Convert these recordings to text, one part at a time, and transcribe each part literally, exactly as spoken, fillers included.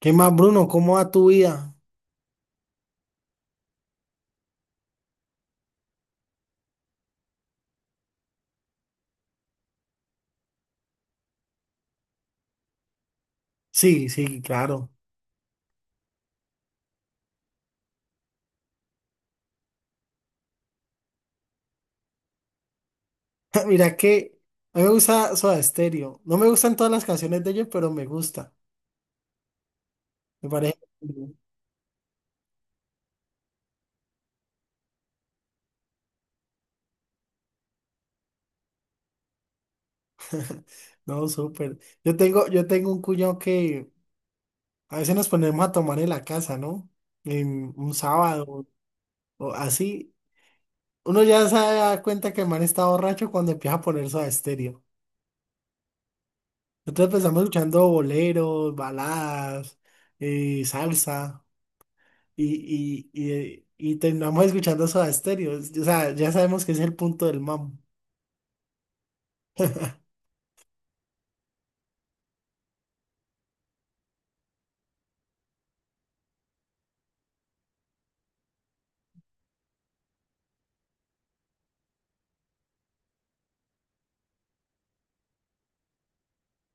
¿Qué más, Bruno? ¿Cómo va tu vida? Sí, sí, claro. Mira que a mí me gusta Soda Stereo. No me gustan todas las canciones de ellos, pero me gusta. Me parece. No, súper. Yo tengo, yo tengo un cuñado que a veces nos ponemos a tomar en la casa, ¿no? En un sábado o así. Uno ya se da cuenta que el man está borracho cuando empieza a poner Soda Stereo. Nosotros empezamos escuchando boleros, baladas, eh, salsa. y, y, y, y terminamos escuchando Soda Stereo. O sea, ya sabemos que es el punto del mambo.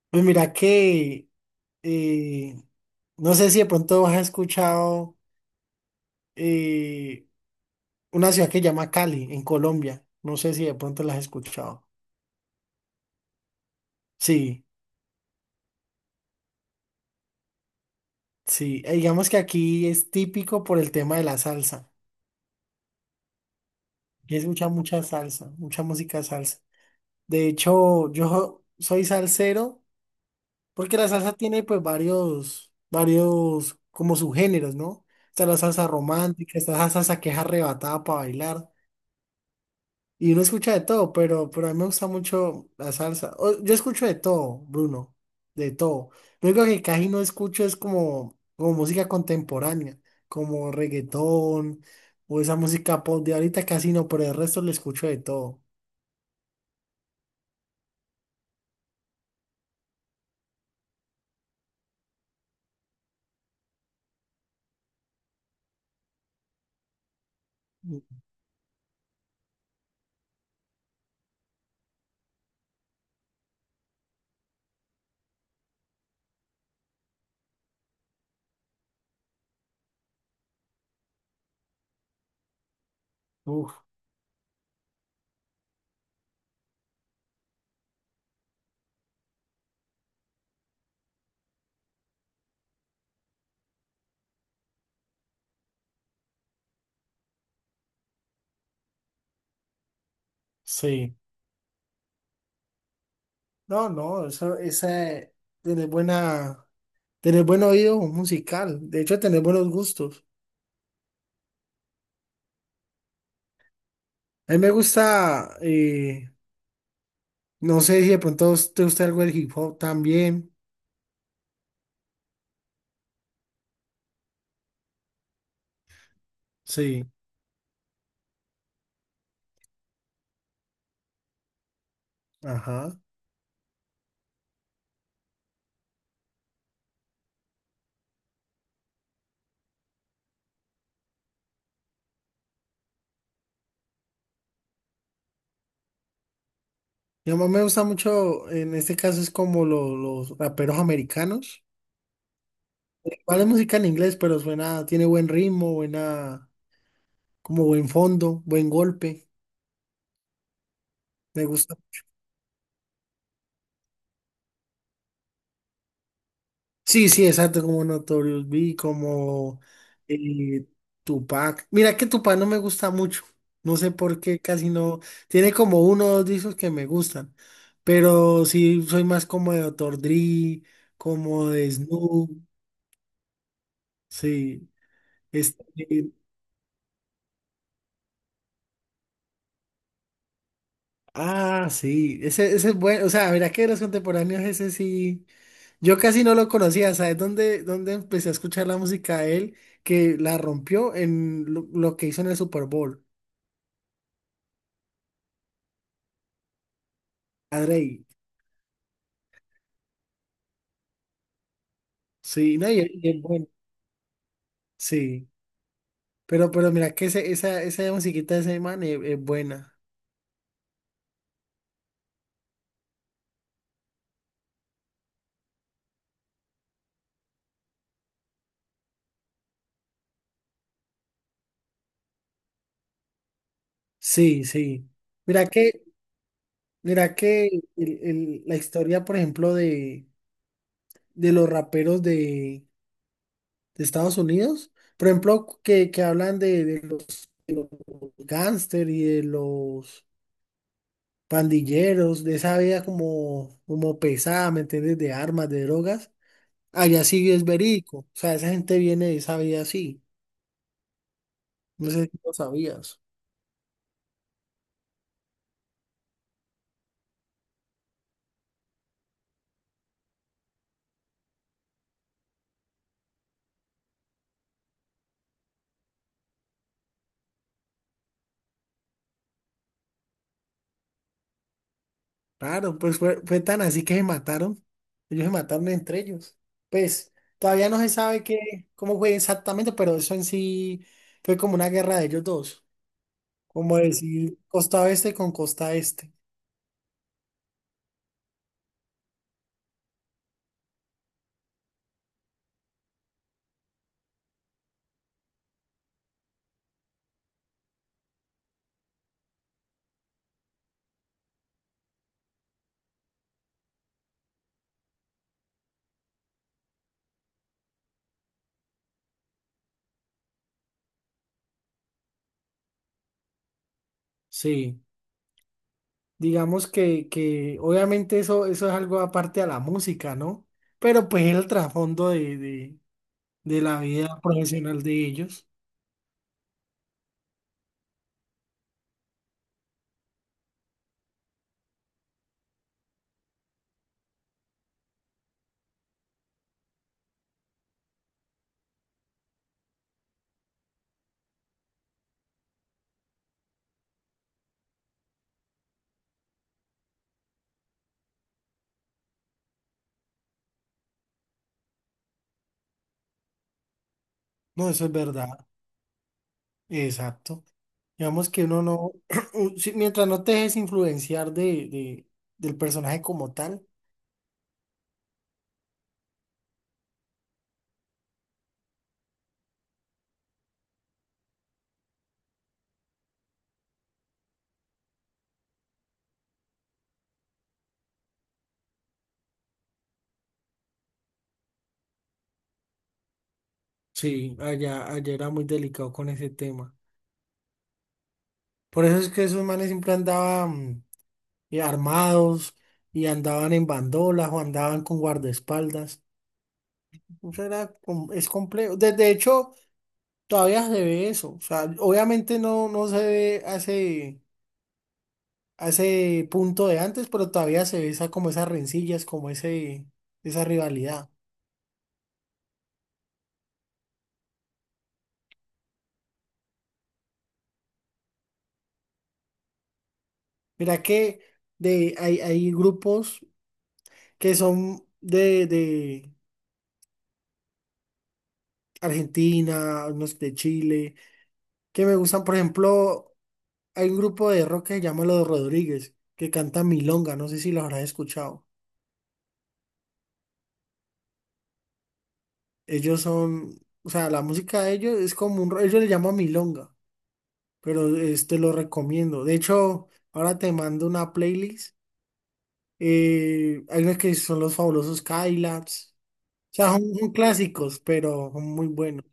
Pues mira que eh, no sé si de pronto has escuchado eh, una ciudad que se llama Cali, en Colombia. No sé si de pronto la has escuchado. Sí, sí. Eh, digamos que aquí es típico por el tema de la salsa. Aquí se escucha mucha salsa, mucha música salsa. De hecho, yo soy salsero. Porque la salsa tiene pues varios, varios como subgéneros, ¿no? Está la salsa romántica, está la salsa que es arrebatada para bailar. Y uno escucha de todo, pero, pero a mí me gusta mucho la salsa. O- Yo escucho de todo, Bruno, de todo. Lo único que casi no escucho es como, como música contemporánea, como reggaetón o esa música pop de ahorita casi no, pero el resto le escucho de todo. Uf, sí. No, no, eso, esa tiene buena. Tener buen oído musical, de hecho, tener buenos gustos. A mí me gusta, eh, no sé si de pronto te gusta algo del hip hop también. Sí, ajá. Y a mí me gusta mucho, en este caso es como lo- los raperos americanos. Vale música en inglés, pero suena, tiene buen ritmo, buena, como buen fondo, buen golpe. Me gusta. Sí, sí, exacto, como Notorious B, I G, como eh, Tupac. Mira que Tupac no me gusta mucho. No sé por qué, casi no. Tiene como uno o dos discos que me gustan. Pero sí, soy más como de doctor Dre, como de Snoop. Sí. Este, ah, sí. Ese, ese es bueno. O sea, mira que de los contemporáneos, ese sí. Yo casi no lo conocía. ¿Sabes dónde, dónde empecé a escuchar la música de él? Que la rompió en lo lo que hizo en el Super Bowl. A Drake. Sí, no, y, es y es bueno. Sí. Pero, pero mira que ese- esa, esa musiquita de ese man es, es buena. Sí, sí. Mira que, mira que el- el- la historia, por ejemplo, de, de los raperos de, de Estados Unidos, por ejemplo, que, que hablan de, de los, de los gángster y de los pandilleros, de esa vida como, como pesada, ¿me entiendes? De armas, de drogas. Allá sí es verídico. O sea, esa gente viene de esa vida así. No sé si lo sabías. Claro, pues fue, fue tan así que se mataron. Ellos se mataron entre ellos. Pues todavía no se sabe qué, cómo fue exactamente, pero eso en sí fue como una guerra de ellos dos. Como decir costa oeste con costa este. Sí. Digamos que, que obviamente eso, eso es algo aparte a la música, ¿no? Pero pues el trasfondo de, de, de la vida profesional de ellos. No, eso es verdad. Exacto. Digamos que uno no, u- si- mientras no te dejes influenciar de, de- del personaje como tal. Sí, allá, allá era muy delicado con ese tema. Por eso es que esos manes siempre andaban eh, armados y andaban en bandolas o andaban con guardaespaldas. Eso era, com- es complejo. De, de hecho, todavía se ve eso. O sea, obviamente no, no se ve hace, hace punto de antes, pero todavía se ve esa, como esas rencillas, como ese, esa rivalidad. Mira que de, hay, hay grupos que son de, de Argentina, unos de Chile, que me gustan. Por ejemplo, hay un grupo de rock que se llama Los Rodríguez, que canta Milonga, no sé si los habrás escuchado. Ellos son, o sea, la música de ellos es como un, ro- ellos le llaman Milonga, pero este lo recomiendo. De hecho, ahora te mando una playlist. Eh, hay unas que son los fabulosos Cadillacs. O sea, son son clásicos, pero son muy buenos.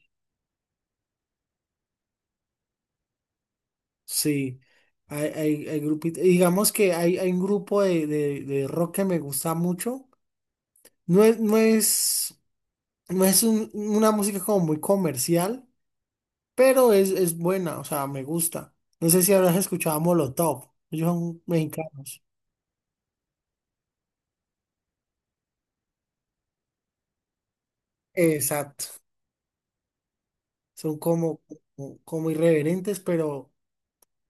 Sí, hay, hay, hay grupitos. Digamos que hay, hay un grupo de, de, de rock que me gusta mucho. No es, no es, no es un- una música como muy comercial, pero es, es buena, o sea, me gusta. No sé si habrás escuchado a Molotov. Ellos son mexicanos. Exacto. Son como, como, como irreverentes, pero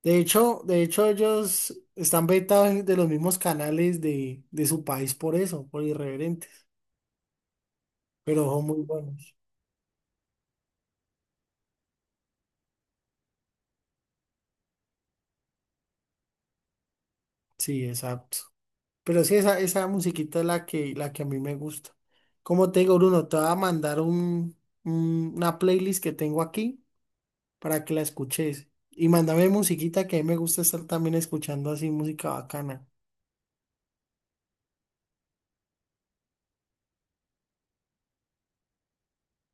de hecho, de hecho, ellos están vetados de los mismos canales de, de su país por eso, por irreverentes. Pero son muy buenos. Sí, exacto. Pero sí, esa, esa musiquita es la que, la que a mí me gusta. Como te digo, Bruno, te voy a mandar un, un- una playlist que tengo aquí para que la escuches. Y mándame musiquita que a mí me gusta estar también escuchando así música bacana.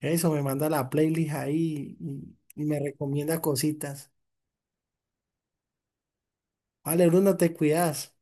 Eso, me manda la playlist ahí y, y me recomienda cositas. Vale, Bruno, te cuidas.